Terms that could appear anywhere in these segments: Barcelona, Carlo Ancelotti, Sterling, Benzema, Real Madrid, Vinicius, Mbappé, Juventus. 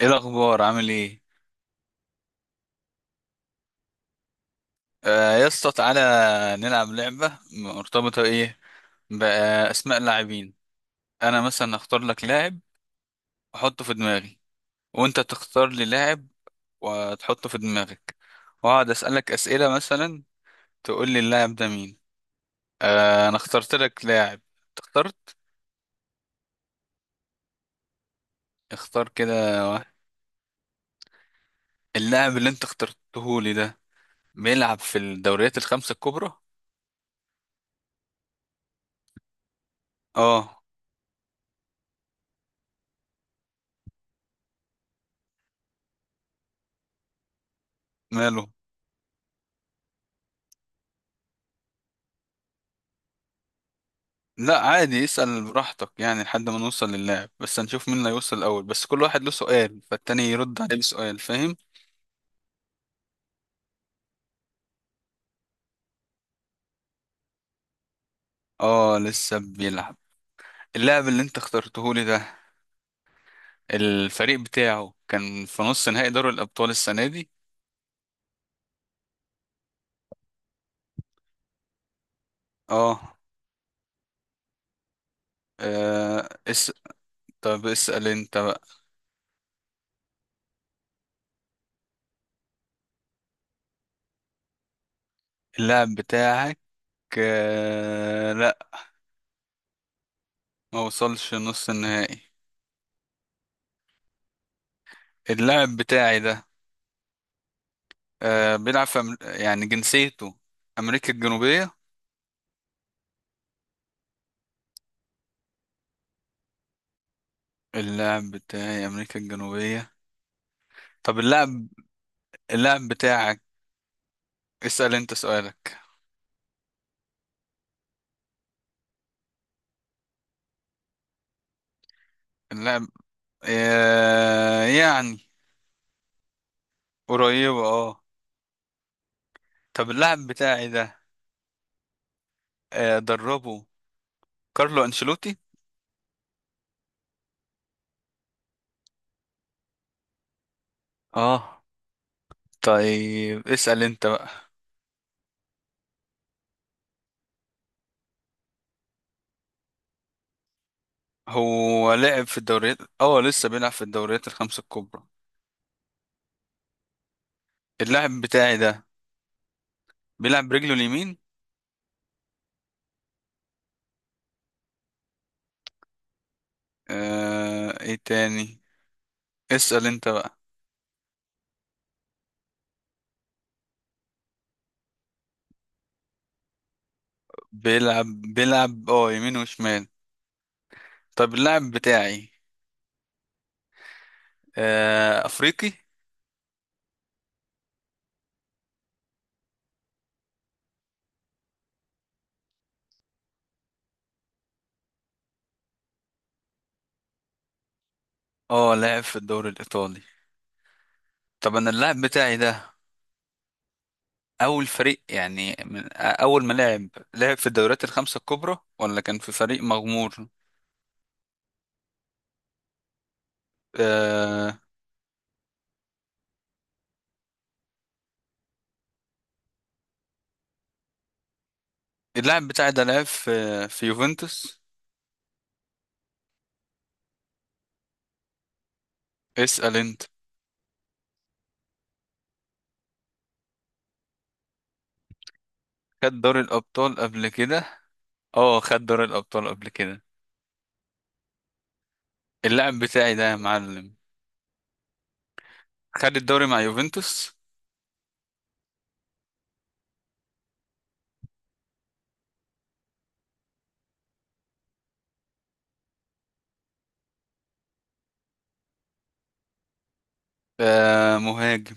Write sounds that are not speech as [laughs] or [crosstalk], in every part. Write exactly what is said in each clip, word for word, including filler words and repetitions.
ايه الاخبار؟ عامل ايه؟ آه يا اسطى تعالى نلعب لعبه. مرتبطه ايه؟ باسماء اللاعبين. انا مثلا اختار لك لاعب واحطه في دماغي، وانت تختار لي لاعب وتحطه في دماغك، واقعد اسالك اسئله. مثلا تقول لي اللاعب ده مين. آه انا اخترت لك لاعب. أنت اخترت؟ اختار كده واحد. اللاعب اللي انت اخترته لي ده بيلعب في الدوريات الخمسه الكبرى. اه. ماله؟ لا عادي، اسأل براحتك يعني لحد ما نوصل للاعب، بس هنشوف مين اللي هيوصل الأول. بس كل واحد له سؤال، فالتاني يرد عليه بسؤال، فاهم؟ اه لسه بيلعب. اللاعب اللي انت اخترته لي ده الفريق بتاعه كان في نص نهائي دوري الأبطال السنة دي. اه. آه، اس... طب اسأل انت بقى. اللاعب بتاعك آه... لا، ما وصلش نص النهائي. اللاعب بتاعي ده آه... بيلعب في أم... يعني جنسيته أمريكا الجنوبية. اللاعب بتاعي أمريكا الجنوبية. طب اللاعب، اللاعب بتاعك، اسأل أنت سؤالك. اللاعب آه، يعني قريبة، اه. طب اللاعب بتاعي ده آه، دربه كارلو أنشيلوتي. اه. طيب اسأل أنت بقى. هو لعب في الدوريات، اه لسه بيلعب في الدوريات الخمسة الكبرى. اللاعب بتاعي ده بيلعب برجله اليمين. آه... ايه تاني؟ اسأل أنت بقى. بيلعب بيلعب اه يمين وشمال. طب اللاعب بتاعي آه، افريقي. اه لاعب في الدوري الايطالي. طب انا اللاعب بتاعي ده اول فريق، يعني من اول ما لعب، لعب في الدوريات الخمسه الكبرى ولا كان في فريق مغمور؟ آه. اللاعب بتاعي ده لعب في في يوفنتوس. اسال انت. خد دوري الابطال قبل كده؟ اه خد دوري الابطال قبل كده. اللاعب بتاعي ده يا معلم خد الدوري مع يوفنتوس. آه مهاجم،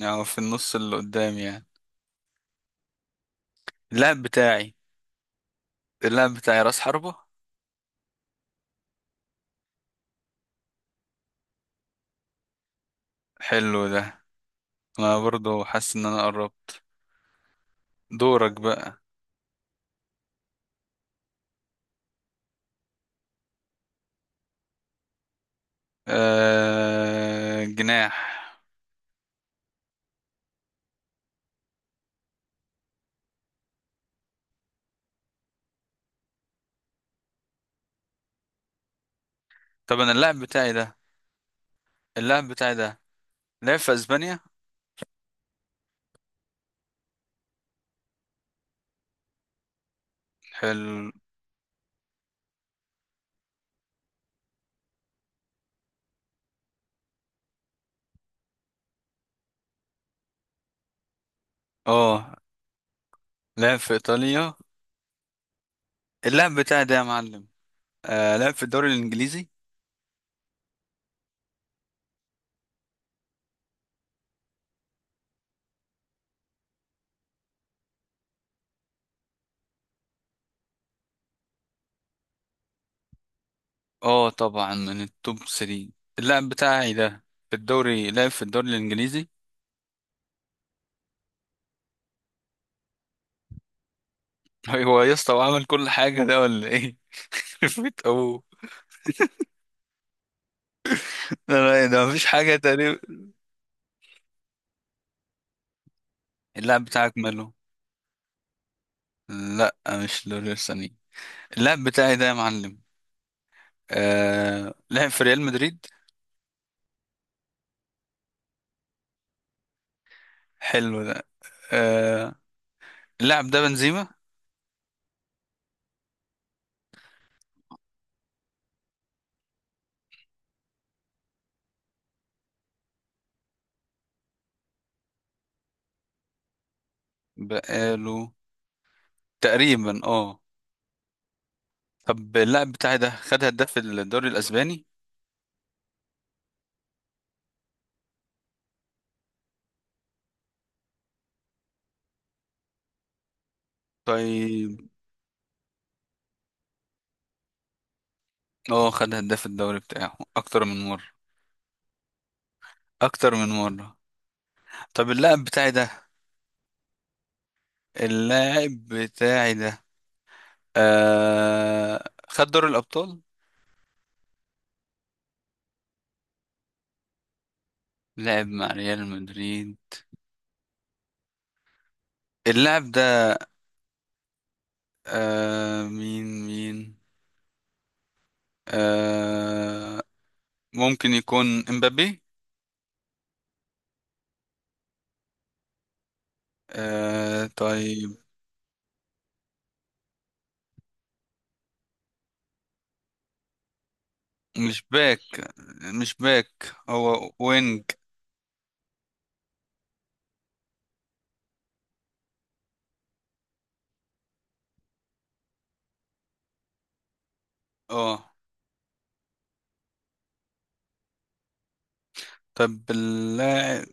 يعني في النص اللي قدام يعني. اللاعب بتاعي، اللاعب بتاعي راس حربة. حلو ده. انا برضو حاسس ان انا قربت. دورك بقى. آه... جناح. طب انا اللاعب بتاعي ده، اللاعب بتاعي ده لعب في اسبانيا. حلو. اه لعب في ايطاليا. اللاعب بتاعي ده يا معلم آه... لعب في الدوري الانجليزي. اه طبعا من التوب تلاتة. اللاعب بتاعي ده في الدوري، لعب في الدوري الانجليزي. [laughs] هو يا اسطى وعمل كل حاجه ده ولا ايه؟ [laughs] فيت ابوه. لا لا، ده مفيش حاجه تقريبا. اللاعب بتاعك ماله؟ لا مش دوري. اللاعب بتاعي ده يا معلم آه لعب في ريال مدريد. حلو ده. آه اللاعب ده بنزيما. بقاله تقريبا، اه. طب اللاعب بتاعي ده خد هداف الدوري الاسباني. طيب. اه خد هداف الدوري بتاعه اكتر من مرة. اكتر من مرة. طب اللاعب بتاعي ده، اللاعب بتاعي ده آه خد دوري الابطال، لعب مع ريال مدريد. اللاعب ده آه مين مين آه... ممكن يكون امبابي. آه طيب. مش باك، مش باك هو وينج. اه طب اللاعب،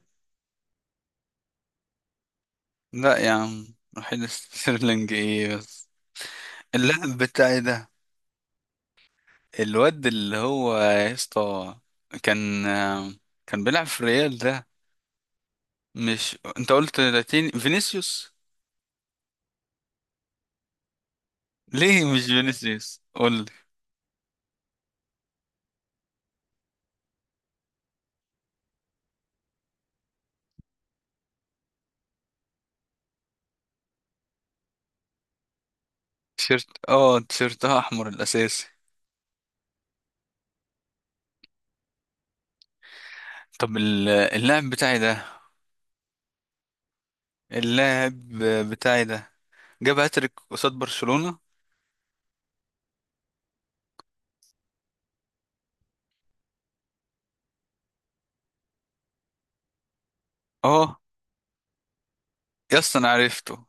لا يا عم، رحيل ستيرلينج ايه بس. اللاعب بتاعي ده الواد اللي هو يا اسطى كان آه، كان بيلعب في ريال ده. مش انت قلت لاتيني؟ فينيسيوس. ليه مش فينيسيوس؟ قول لي. تيشيرت، اه تيشيرتها احمر الاساسي. طب ال- اللاعب بتاعي ده، اللاعب بتاعي ده جاب هاتريك قصاد برشلونة. اه. يا اسطى انا عرفته.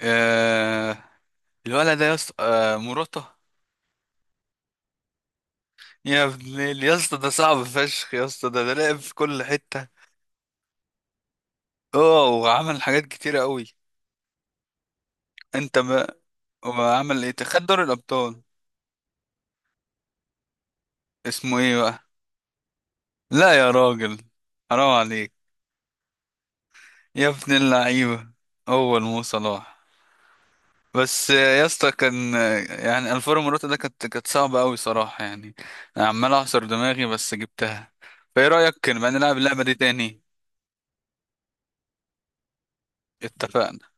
آه الولد ده يا اسطى آه مراته. يا ابن ال- يا اسطى ده صعب فشخ يا اسطى. ده ده لعب في كل حتة. اه وعمل حاجات كتيرة قوي. انت ما وعمل ايه، خد دوري الابطال. اسمه ايه بقى؟ لا يا راجل، حرام عليك. يا ابن اللعيبة. هو المو صلاح. بس يا اسطى كان، يعني الفورو موروتا ده كانت كانت صعبة قوي صراحة يعني. انا عمال اعصر دماغي بس جبتها. فايه رأيك، كان بقى نلعب اللعبة دي تاني؟ اتفقنا.